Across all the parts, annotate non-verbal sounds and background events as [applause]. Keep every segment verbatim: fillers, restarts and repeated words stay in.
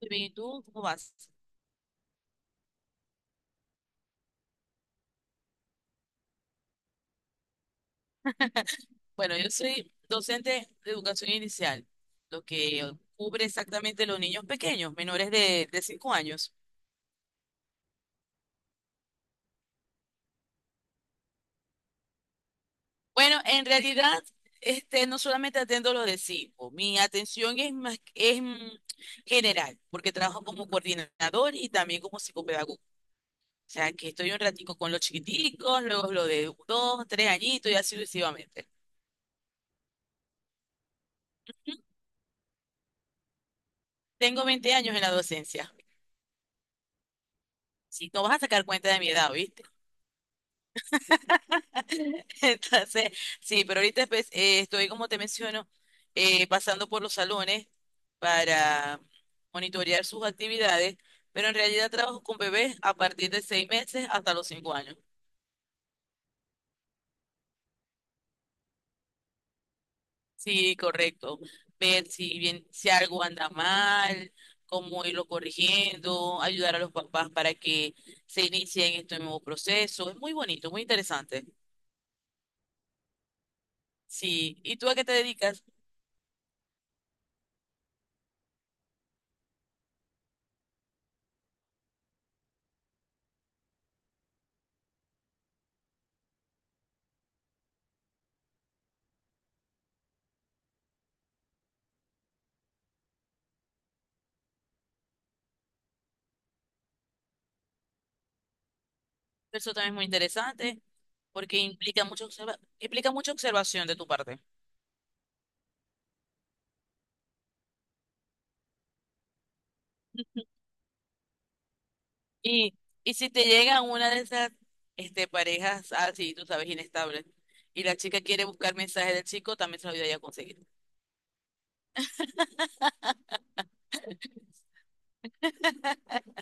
Muy bien, ¿y tú cómo vas? Bueno, yo soy docente de educación inicial, lo que cubre exactamente los niños pequeños, menores de, de cinco años. Bueno, en realidad, este, no solamente atendo los de cinco. Mi atención es más, es mm, general, porque trabajo como coordinador y también como psicopedagogo. O sea, que estoy un ratico con los chiquiticos, luego los de dos tres añitos y así sucesivamente. Tengo veinte años en la docencia. Si no vas a sacar cuenta de mi edad, ¿viste? [laughs] Entonces, sí, pero ahorita pues, eh, estoy, como te menciono, eh, pasando por los salones para monitorear sus actividades, pero en realidad trabajo con bebés a partir de seis meses hasta los cinco años. Sí, correcto. Ver si bien, si algo anda mal, cómo irlo corrigiendo, ayudar a los papás para que se inicien este nuevo proceso. Es muy bonito, muy interesante. Sí. ¿Y tú a qué te dedicas? Eso también es muy interesante porque implica mucho observa- implica mucha observación de tu parte. Y, y si te llega una de esas este, parejas así, tú sabes, inestables, y la chica quiere buscar mensajes del chico, también se lo voy a conseguir.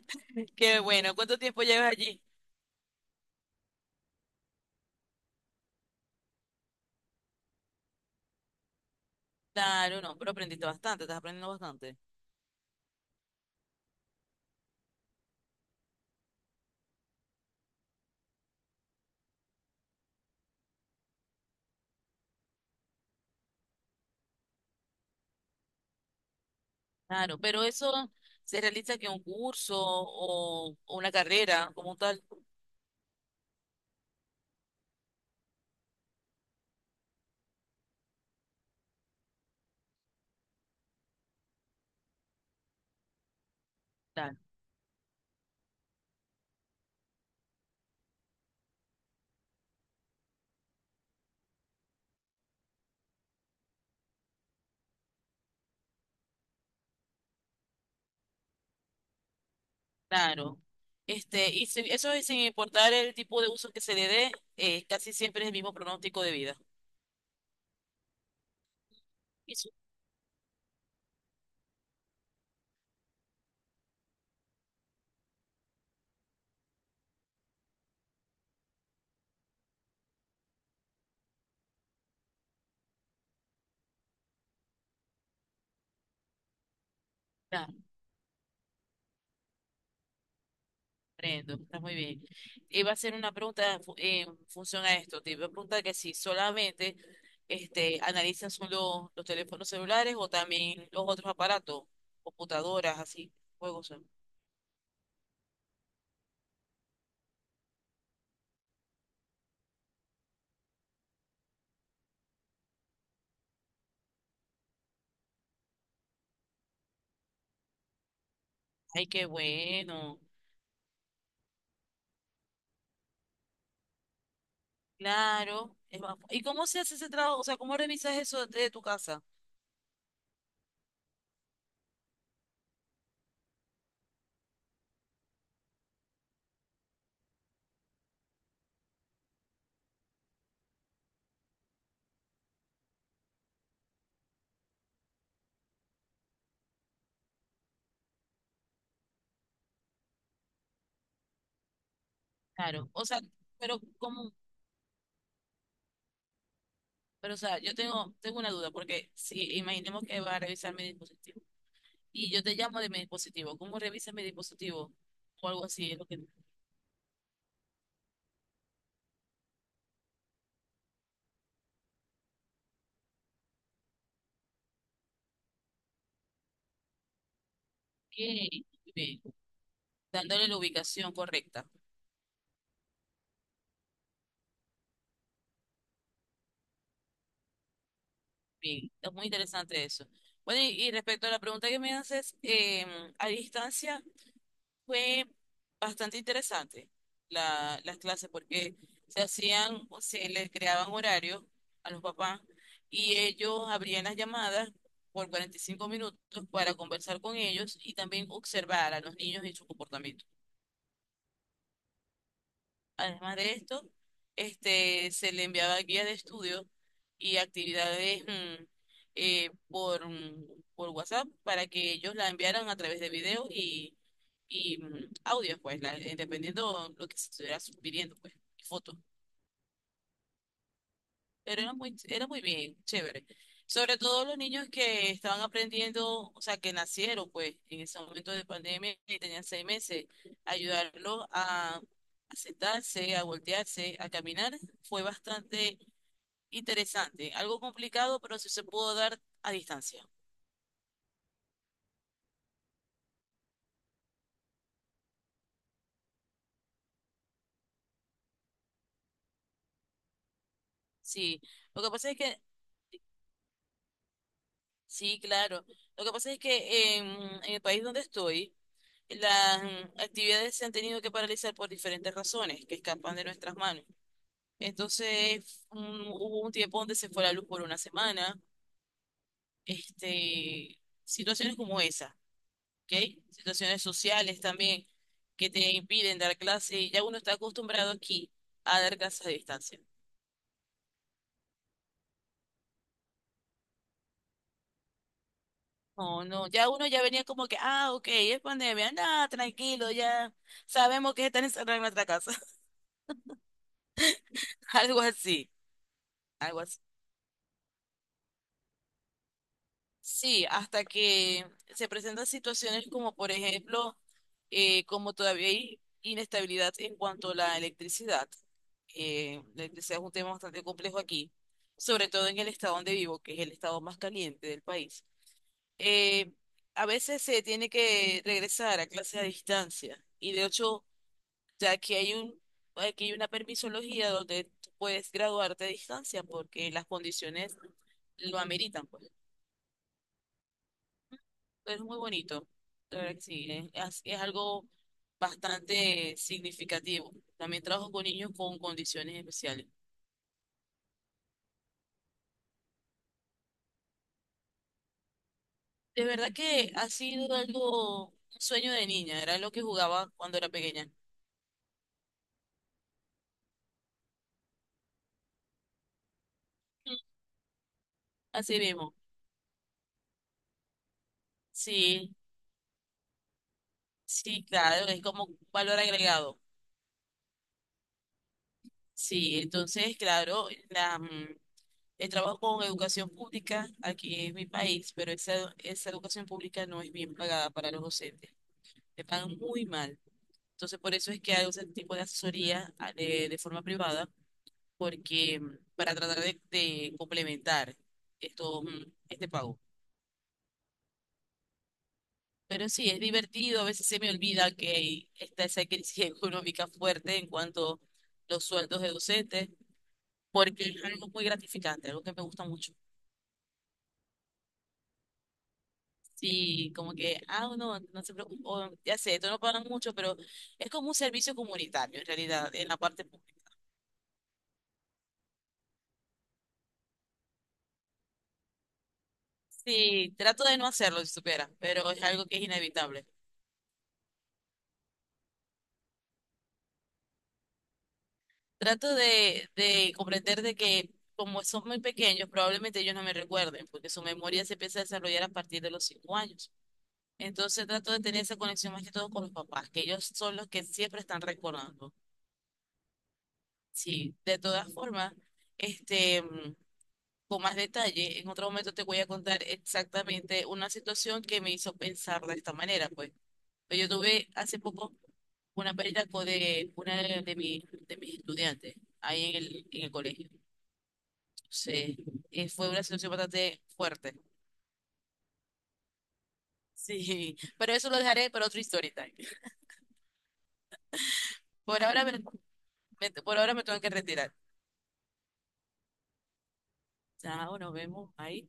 [laughs] Qué bueno, ¿cuánto tiempo llevas allí? Claro, no, pero aprendiste bastante, estás aprendiendo bastante. Claro, pero eso se realiza que un curso o, o una carrera como tal. Claro. Claro. Este, y si- eso es sin importar el tipo de uso que se le dé, eh, casi siempre es el mismo pronóstico de vida. Y su está, comprendo, está muy bien. Iba a hacer una pregunta fu- en función a esto. Te iba a preguntar que si solamente este, analizan solo los teléfonos celulares o también los otros aparatos, computadoras, así, juegos son. Ay, qué bueno. Claro. es más- ¿Y cómo se hace ese trabajo? O sea, ¿cómo revisas eso de tu casa? Claro. O sea, pero ¿cómo? Pero, o sea, yo tengo, tengo una duda, porque si imaginemos que va a revisar mi dispositivo y yo te llamo de mi dispositivo, ¿cómo revisa mi dispositivo? O algo así, es lo que... Bien, bien, dándole la ubicación correcta. Bien, es muy interesante eso. Bueno, y, y respecto a la pregunta que me haces, eh, a distancia, fue bastante interesante la, las clases porque se hacían, o se les creaban horarios a los papás y ellos abrían las llamadas por cuarenta y cinco minutos para conversar con ellos y también observar a los niños y su comportamiento. Además de esto, este, se le enviaba guía de estudio y actividades mm, eh, por, mm, por WhatsApp para que ellos la enviaran a través de video y, y mm, audios, pues, la- eh, dependiendo lo que se estuviera pidiendo, pues, y fotos. Pero era muy, era muy bien, chévere. Sobre todo los niños que estaban aprendiendo, o sea, que nacieron, pues, en ese momento de pandemia y tenían seis meses, ayudarlos a, a sentarse, a voltearse, a caminar, fue bastante interesante. Algo complicado, pero sí se pudo dar a distancia. Sí, lo que pasa es que, sí, claro, lo que pasa es que en, en el país donde estoy, las mm, actividades se han tenido que paralizar por diferentes razones que escapan de nuestras manos. Entonces un- hubo un tiempo donde se fue la luz por una semana. Este, situaciones como esa, ¿ok? Situaciones sociales también que te impiden dar clase. Ya uno está acostumbrado aquí a dar clases a distancia. No, no, ya uno ya venía como que, ah, ok, es pandemia, nada, tranquilo, ya sabemos que están encerrados en nuestra casa. [laughs] Algo así, algo así. Sí, hasta que se presentan situaciones como, por ejemplo, eh, como todavía hay inestabilidad en cuanto a la electricidad. Eh, la electricidad es un tema bastante complejo aquí, sobre todo en el estado donde vivo, que es el estado más caliente del país. Eh, a veces se tiene que regresar a clases a distancia y de hecho, ya que hay un, aquí hay una permisología donde tú puedes graduarte a distancia porque las condiciones lo ameritan, pues. Es muy bonito, de verdad que sí, es, es- es algo bastante significativo. También trabajo con niños con condiciones especiales. De verdad que ha sido algo, un sueño de niña, era lo que jugaba cuando era pequeña. Mm. Así mismo, sí, sí, claro, es como un valor agregado. Sí, entonces, claro, la, mm, el trabajo con educación pública aquí en mi país, pero esa, esa educación pública no es bien pagada para los docentes, te pagan muy mal. Entonces, por eso es que hago ese tipo de asesoría a- de, de forma privada, porque mm, para tratar de, de complementar esto, mm, este pago. Pero sí, es divertido, a veces se me olvida que hay- está esa crisis [laughs] económica fuerte en cuanto a los sueldos de docentes, porque es algo muy gratificante, algo que me gusta mucho. Sí, como que, ah, no, no se preocupe, o, ya sé, esto no pagan mucho, pero es como un servicio comunitario en realidad, en la parte pública. Sí, trato de no hacerlo, si supiera, pero es algo que es inevitable. Trato de, de comprender de que como son muy pequeños, probablemente ellos no me recuerden, porque su memoria se empieza a desarrollar a partir de los cinco años. Entonces trato de tener esa conexión más que todo con los papás, que ellos son los que siempre están recordando. Sí, de todas formas, este, mm, con más detalle, en otro momento te voy a contar exactamente una situación que me hizo pensar de esta manera, pues. Pues yo tuve hace poco una pérdida co- de una de, de mis, de mis estudiantes ahí en el, en el colegio. Sí, y fue una situación [laughs] bastante fuerte. Sí, pero eso lo dejaré para otro story time. Por ahora me, me- por ahora me tengo que retirar. Chao, nos vemos. Ahí.